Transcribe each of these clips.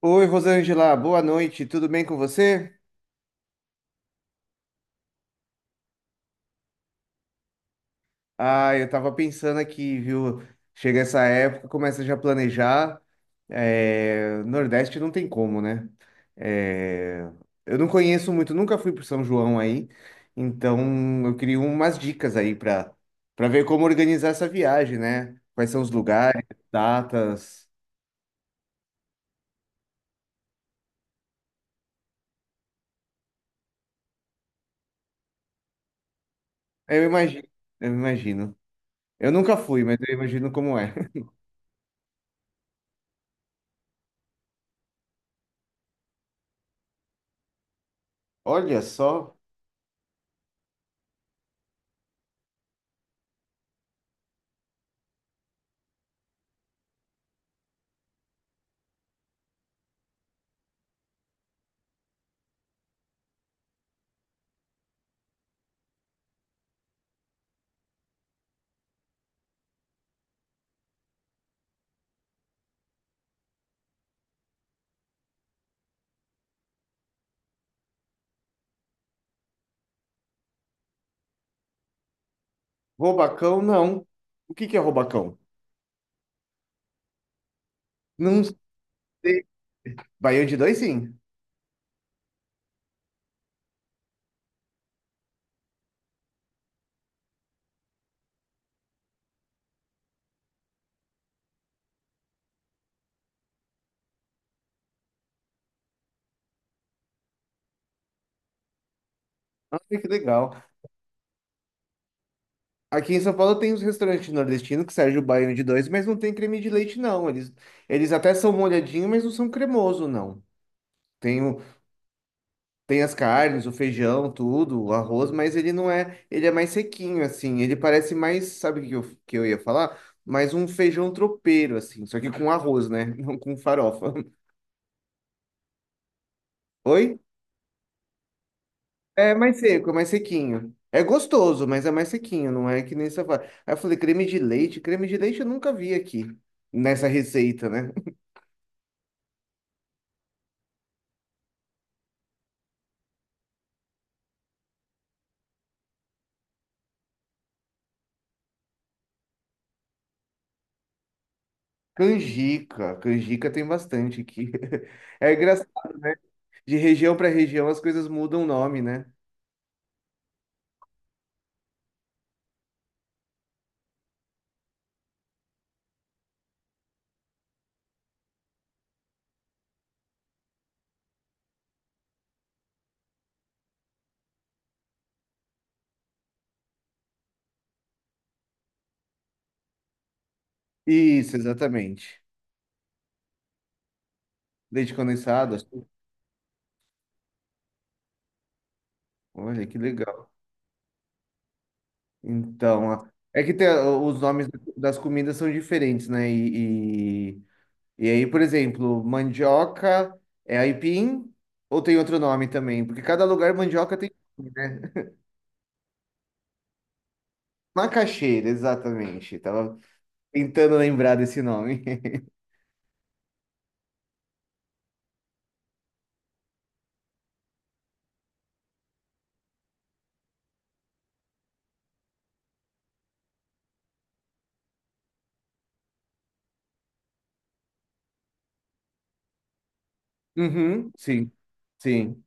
Oi, Rosângela, boa noite, tudo bem com você? Ah, eu tava pensando aqui, viu? Chega essa época, começa já a planejar. É, Nordeste não tem como, né? É, Eu não conheço muito, nunca fui pro São João aí, então eu queria umas dicas aí pra para ver como organizar essa viagem, né? Quais são os lugares, datas. Eu imagino, eu imagino. Eu nunca fui, mas eu imagino como é. Olha só. Robacão, não. O que que é Robacão? Não sei. Baião de dois, sim. Ah, que legal. Aqui em São Paulo tem os restaurantes nordestinos que servem o baião de dois, mas não tem creme de leite, não. Eles até são molhadinhos, mas não são cremoso, não. Tem, o, tem as carnes, o feijão, tudo, o arroz, mas ele não é. Ele é mais sequinho, assim. Ele parece mais, sabe o que eu ia falar? Mais um feijão tropeiro, assim. Só que com arroz, né? Não com farofa. Oi? É mais seco, é mais sequinho. É gostoso, mas é mais sequinho, não é que nem você fala. Aí eu falei, creme de leite. Creme de leite eu nunca vi aqui, nessa receita, né? Canjica. Canjica tem bastante aqui. É engraçado, né? De região para região as coisas mudam o nome, né? Isso, exatamente. Leite condensado, açúcar. Olha que legal. Então, é que tem, os nomes das comidas são diferentes, né? E aí, por exemplo, mandioca é aipim ou tem outro nome também? Porque cada lugar mandioca tem nome, né? Macaxeira, exatamente. Tava tentando lembrar desse nome. Uhum, sim, sim.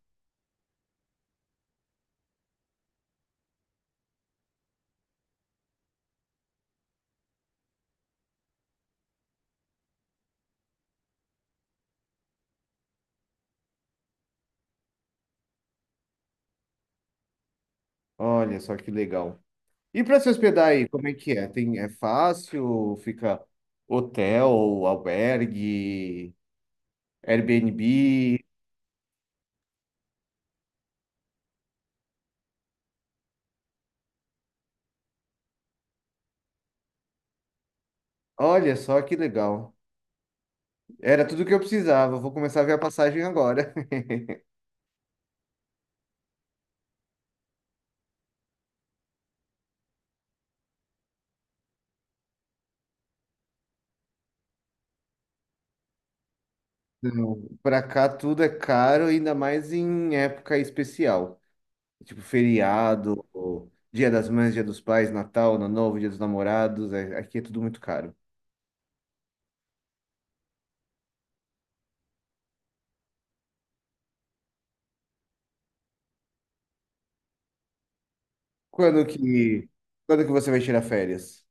Olha só que legal. E para se hospedar aí, como é que é? Tem, é fácil? Fica hotel, albergue, Airbnb? Olha só que legal. Era tudo que eu precisava. Vou começar a ver a passagem agora. Não, pra cá tudo é caro, ainda mais em época especial. Tipo feriado, ou Dia das Mães, Dia dos Pais, Natal, Ano Novo, Dia dos Namorados. Aqui é tudo muito caro. Quando que, quando que você vai tirar férias?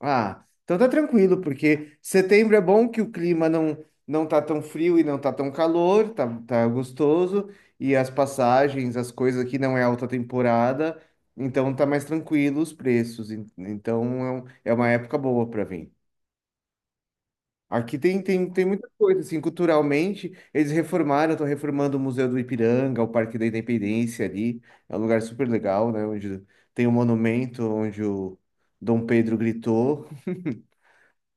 Ah, então tá tranquilo, porque setembro é bom que o clima não tá tão frio e não tá tão calor, tá gostoso. E as passagens, as coisas aqui não é alta temporada, então tá mais tranquilo os preços. Então é é uma época boa para vir. Aqui tem muita coisa, assim, culturalmente, estão reformando o Museu do Ipiranga, o Parque da Independência ali, é um lugar super legal, né, onde tem um monumento onde o Dom Pedro gritou,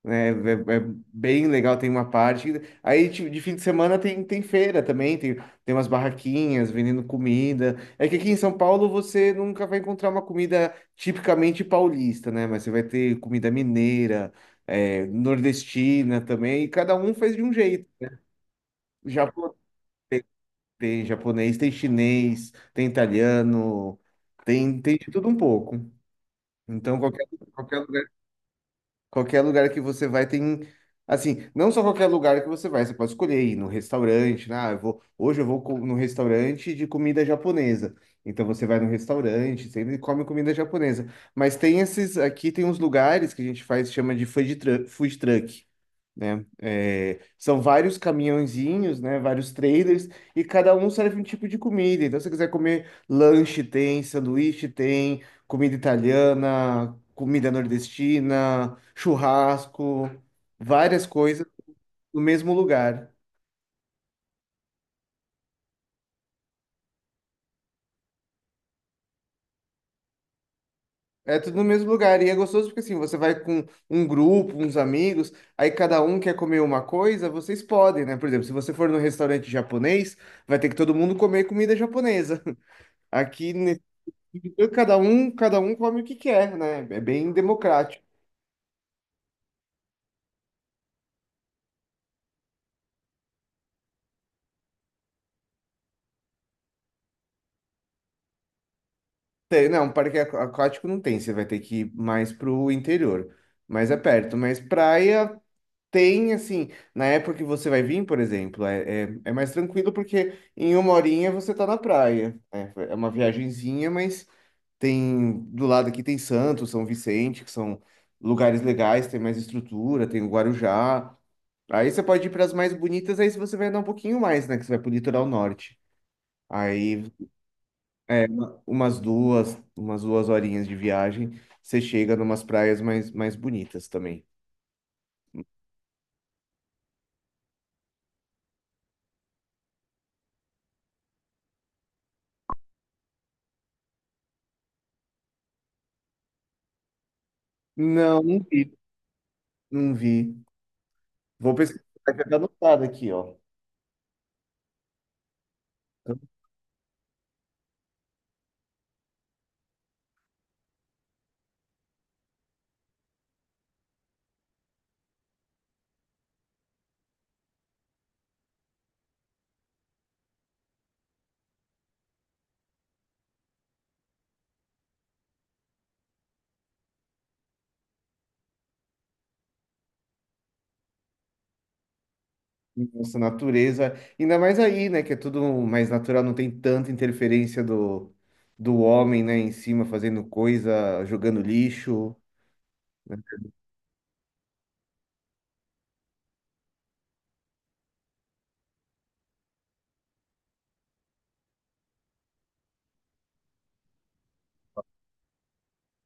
é bem legal, tem uma parte. Aí, tipo, de fim de semana tem feira também, tem umas barraquinhas vendendo comida. É que aqui em São Paulo você nunca vai encontrar uma comida tipicamente paulista, né? Mas você vai ter comida mineira, é, nordestina também, e cada um faz de um jeito. Japo- tem, tem japonês, tem chinês, tem italiano, tem de tudo um pouco. Então, qualquer Qualquer lugar que você vai tem, assim, não só qualquer lugar que você vai, você pode escolher ir no restaurante, né? Ah, eu vou, hoje eu vou no restaurante de comida japonesa. Então você vai no restaurante, sempre come comida japonesa. Mas tem esses, aqui tem uns lugares que a gente faz, chama de food truck né? É, são vários caminhãozinhos, né? Vários trailers e cada um serve um tipo de comida. Então, se você quiser comer lanche, sanduíche, comida italiana, comida nordestina, churrasco, várias coisas no mesmo lugar. É tudo no mesmo lugar e é gostoso porque assim, você vai com um grupo, uns amigos, aí cada um quer comer uma coisa, vocês podem, né? Por exemplo, se você for num restaurante japonês, vai ter que todo mundo comer comida japonesa. Aqui e cada um come o que quer, né? É bem democrático. Não, parque aquático não tem, você vai ter que ir mais pro interior, mas é perto. Mas praia tem, assim, na época que você vai vir, por exemplo, é mais tranquilo porque em uma horinha você tá na praia. Né? É uma viagenzinha, mas tem, do lado aqui tem Santos, São Vicente, que são lugares legais, tem mais estrutura, tem o Guarujá. Aí você pode ir para as mais bonitas, aí você vai andar um pouquinho mais, né? Que você vai pro litoral norte. Aí é umas duas horinhas de viagem, você chega numas praias mais bonitas também. Não, não vi, não vi. Vou pesquisar, vai ficar anotado aqui, ó. Nossa natureza, ainda mais aí, né, que é tudo mais natural, não tem tanta interferência do homem, né, em cima fazendo coisa, jogando lixo. Né?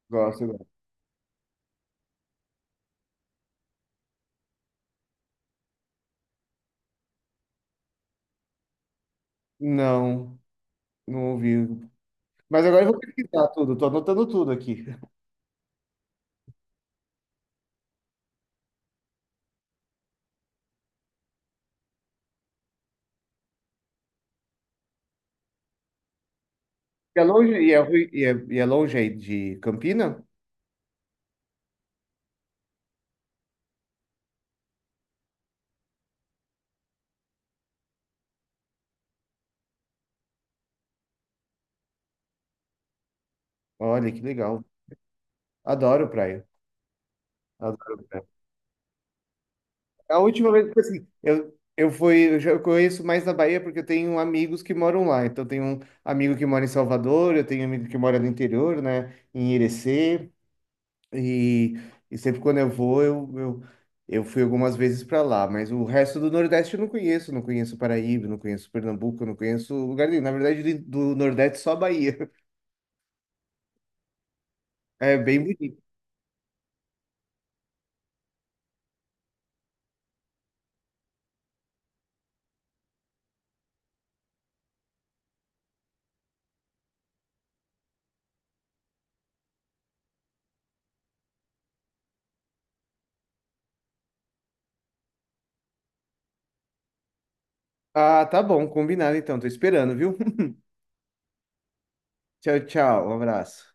Gosto, gosto. Não, não ouvi. Mas agora eu vou pesquisar tudo, tô anotando tudo aqui. E é longe, e é longe aí de Campina? Olha, que legal. Adoro praia. Adoro praia. A última vez, tipo assim, eu já conheço mais da Bahia porque eu tenho amigos que moram lá. Então, eu tenho um amigo que mora em Salvador, eu tenho um amigo que mora no interior, né, em Irecê. E, e sempre quando eu vou, eu fui algumas vezes para lá. Mas o resto do Nordeste eu não conheço. Não conheço Paraíba, não conheço Pernambuco, não conheço lugar nenhum. Na verdade, do Nordeste, só a Bahia. É bem bonito. Ah, tá bom, combinado então. Tô esperando, viu? Tchau, tchau. Um abraço.